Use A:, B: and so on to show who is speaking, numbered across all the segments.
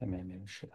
A: تمام يا باشا.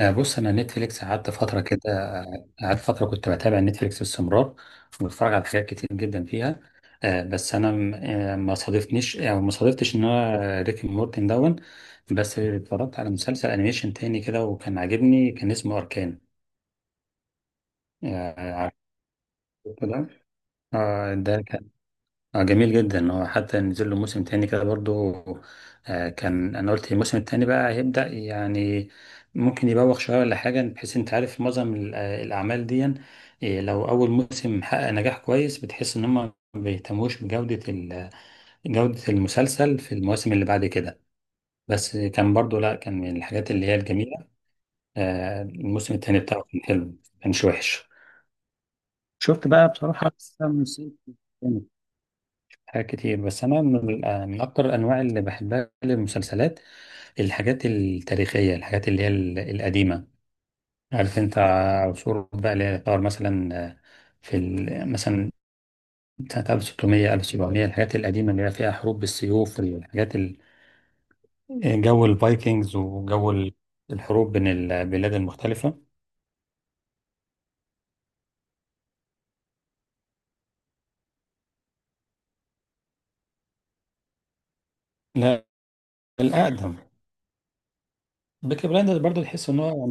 A: بص، انا نتفليكس قعدت فتره كده. قعدت فتره كنت بتابع نتفليكس باستمرار، وبتفرج على حاجات كتير جدا فيها. بس انا ما صادفنيش، يعني ما صادفتش ان انا ريكي مورتن دون. بس اتفرجت على مسلسل انيميشن تاني كده، وكان عاجبني، كان اسمه اركان. عارف ده. ده اه جميل جدا، هو حتى نزل له موسم تاني كده برضو. كان انا قلت الموسم التاني بقى هيبدأ، يعني ممكن يبوخ شوية ولا حاجة، بحيث انت عارف معظم الأعمال دي. لو أول موسم حقق نجاح كويس، بتحس إن هم ما بيهتموش بجودة جودة المسلسل في المواسم اللي بعد كده. بس كان برضو، لا، كان من الحاجات اللي هي الجميلة. الموسم التاني بتاعه كان حلو، كانش وحش. شفت بقى بصراحة أحسن موسم حاجات كتير. بس انا من اكتر الانواع اللي بحبها للمسلسلات الحاجات التاريخيه، الحاجات اللي هي القديمه. عارف انت، عصور بقى اللي هي تعتبر مثلا في مثلا سنه 1600 1700، الحاجات القديمه اللي هي فيها حروب بالسيوف، الحاجات جو الفايكنجز، وجو الحروب بين البلاد المختلفه. لا، الاقدم. بيكي بلاندرز برضه تحس ان هو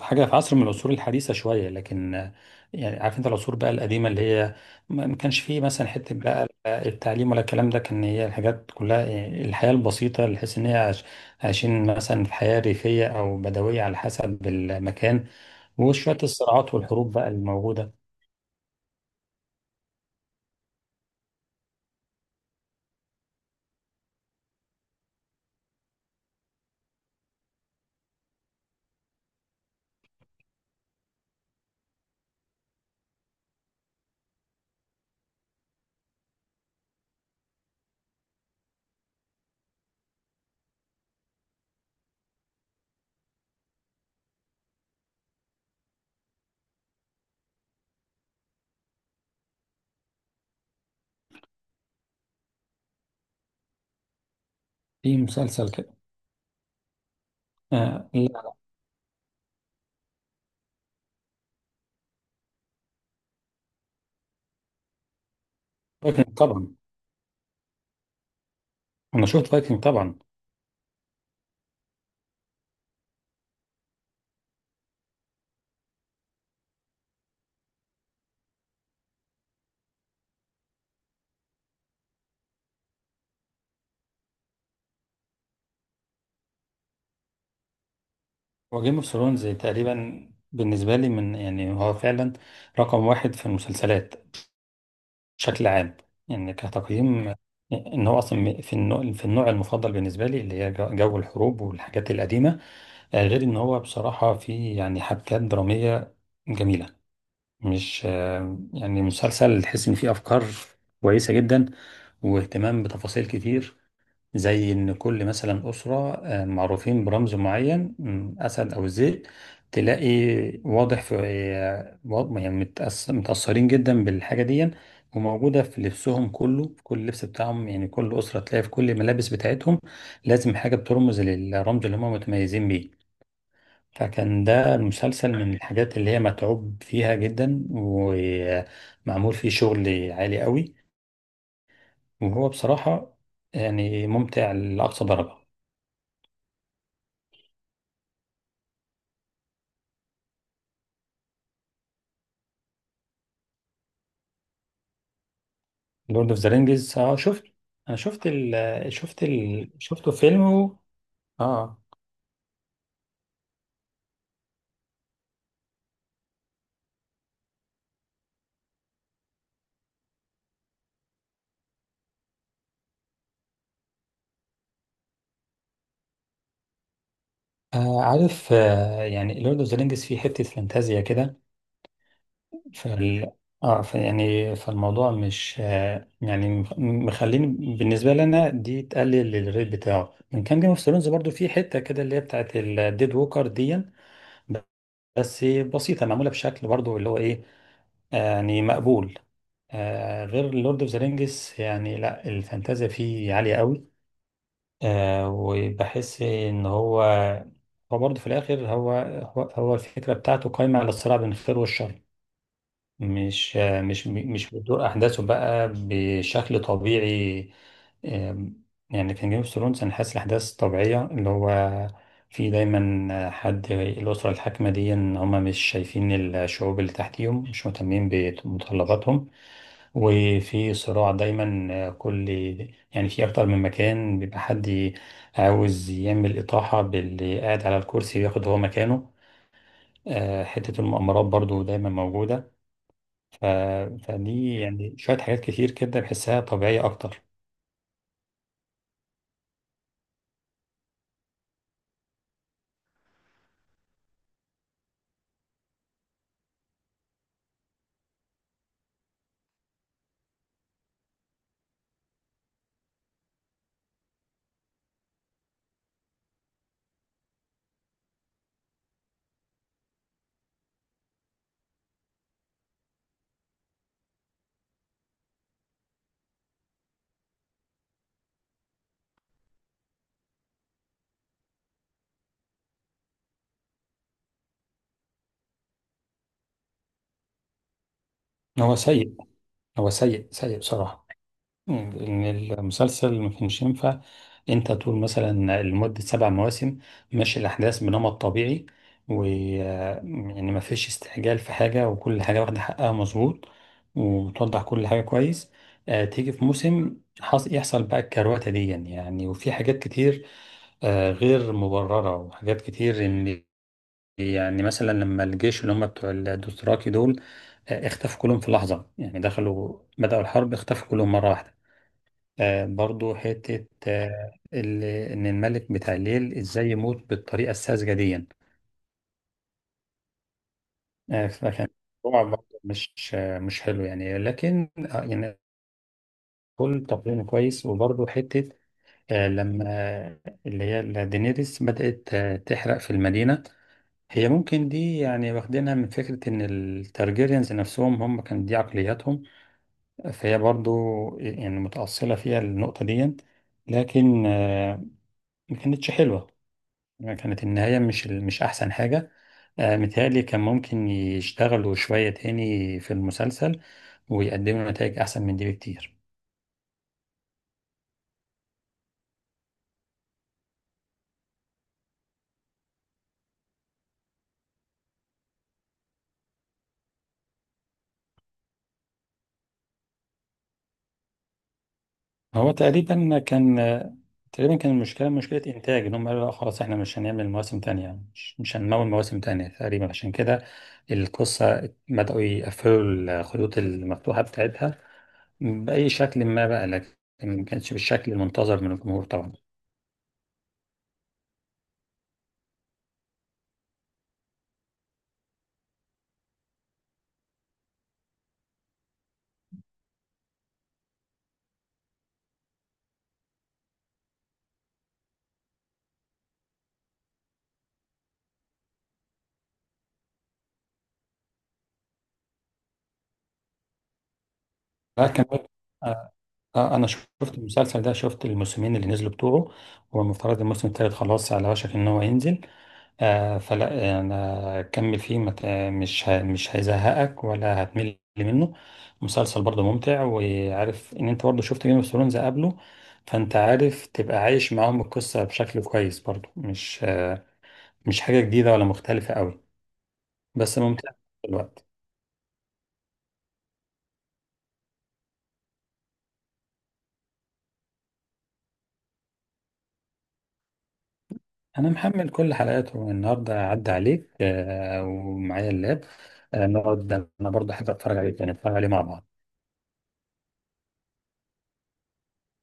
A: حاجة في عصر من العصور الحديثة شوية، لكن يعني عارف انت العصور بقى القديمة، اللي هي ما كانش فيه مثلا حتة بقى التعليم ولا الكلام ده، كان هي الحاجات كلها يعني الحياة البسيطة اللي تحس ان هي عايشين مثلا في حياة ريفية او بدوية على حسب المكان، وشوية الصراعات والحروب بقى الموجودة. في مسلسل كده. لا، فايكنج طبعا. أنا شفت فايكنج طبعا. وجيم اوف ثرونز تقريبا بالنسبة لي من، يعني هو فعلا رقم واحد في المسلسلات بشكل عام، ان كتقييم، ان هو اصلا في النوع في النوع المفضل بالنسبه لي اللي هي جو الحروب والحاجات القديمه. غير ان هو بصراحه في يعني حبكات دراميه جميله. مش يعني مسلسل تحس ان فيه افكار كويسه جدا واهتمام بتفاصيل كتير، زي إن كل مثلا أسرة معروفين برمز معين، أسد أو الذئب، تلاقي واضح في، يعني متأثرين جدا بالحاجة دي، وموجودة في لبسهم كله، في كل لبس بتاعهم، يعني كل أسرة تلاقي في كل الملابس بتاعتهم لازم حاجة بترمز للرمز اللي هم متميزين بيه. فكان ده المسلسل من الحاجات اللي هي متعوب فيها جدا، ومعمول فيه شغل عالي قوي، وهو بصراحة يعني ممتع لأقصى درجة. لورد اوف ذا رينجز شفت. انا شفته فيلم. و... اه عارف. يعني لورد اوف ذا رينجز فيه حتة فانتازيا كده، فال اه ف يعني فالموضوع مش، يعني، مخليني بالنسبة لنا، دي تقلل الريت بتاعه من كام. جيم اوف ثرونز برضه فيه حتة كده اللي هي بتاعت الديد ووكر دي، بس بسيطة، معمولة بشكل برضه اللي هو ايه، يعني مقبول. غير لورد اوف ذا رينجز، يعني لا، الفانتازيا فيه عالية قوي. وبحس ان هو برضه في الاخر، هو الفكره بتاعته قايمه على الصراع بين الخير والشر. مش آه مش مش بتدور احداثه بقى بشكل طبيعي. آم، يعني كان جيم اوف ثرونز انا حاسس الاحداث طبيعيه، اللي هو في دايما حد الاسره الحاكمه دي، ان هم مش شايفين الشعوب اللي تحتيهم، مش مهتمين بمتطلباتهم، وفي صراع دايما، كل، يعني في اكتر من مكان بيبقى حد عاوز يعمل اطاحة باللي قاعد على الكرسي وياخد هو مكانه. حتة المؤامرات برضو دايما موجودة. ف... فدي يعني شوية حاجات كتير كده بحسها طبيعية اكتر. هو سيء، هو سيء سيء بصراحة. إن المسلسل ما كانش ينفع انت تقول مثلا لمدة سبع مواسم ماشي الأحداث بنمط طبيعي، و يعني ما فيش استعجال في حاجة، وكل حاجة واخدة حقها مظبوط وتوضح كل حاجة كويس، تيجي في موسم يحصل بقى الكروتة دي يعني، وفي حاجات كتير غير مبررة، وحاجات كتير، ان يعني مثلا لما الجيش اللي هم بتوع الدوثراكي دول اختفوا كلهم في لحظة، يعني دخلوا بدأوا الحرب اختفوا كلهم مرة واحدة. برضو حتة إن الملك بتاع الليل إزاي يموت بالطريقة الساذجة دي يعني. فكان الموضوع برضو مش آه مش حلو يعني، لكن يعني كل تقييم كويس. وبرضو حتة، لما، اللي هي دينيريس بدأت تحرق في المدينة. هي ممكن دي يعني واخدينها من فكرة إن التارجيريانز نفسهم، هم كان دي عقلياتهم، فهي برضو يعني متأصلة فيها النقطة دي. لكن ما كانتش حلوة. كانت النهاية مش أحسن حاجة. متهيألي كان ممكن يشتغلوا شوية تاني في المسلسل ويقدموا نتائج أحسن من دي بكتير. هو تقريبا كان، المشكلة مشكلة إنتاج، إن هم قالوا لا خلاص إحنا مش هنعمل مواسم تانية، مش هنمول مواسم تانية تقريبا عشان كده. القصة بدأوا يقفلوا الخيوط المفتوحة بتاعتها بأي شكل ما بقى، لكن ما كانش بالشكل المنتظر من الجمهور طبعا. لكن انا شفت المسلسل ده، شفت الموسمين اللي نزلوا بتوعه. هو المفترض الموسم التالت خلاص على وشك ان هو ينزل. فلا، انا كمل فيه، مت... مش ه... مش هيزهقك ولا هتمل منه. مسلسل برضه ممتع، وعارف ان انت برضه شفت جيم اوف ثرونز قبله، فانت عارف تبقى عايش معاهم القصة بشكل كويس برضه، مش حاجة جديدة ولا مختلفة قوي. بس ممتع في الوقت. انا محمل كل حلقاته النهارده عدى عليك، ومعايا اللاب. نقعد. انا برضه احب اتفرج عليه، يعني نتفرج عليه مع بعض.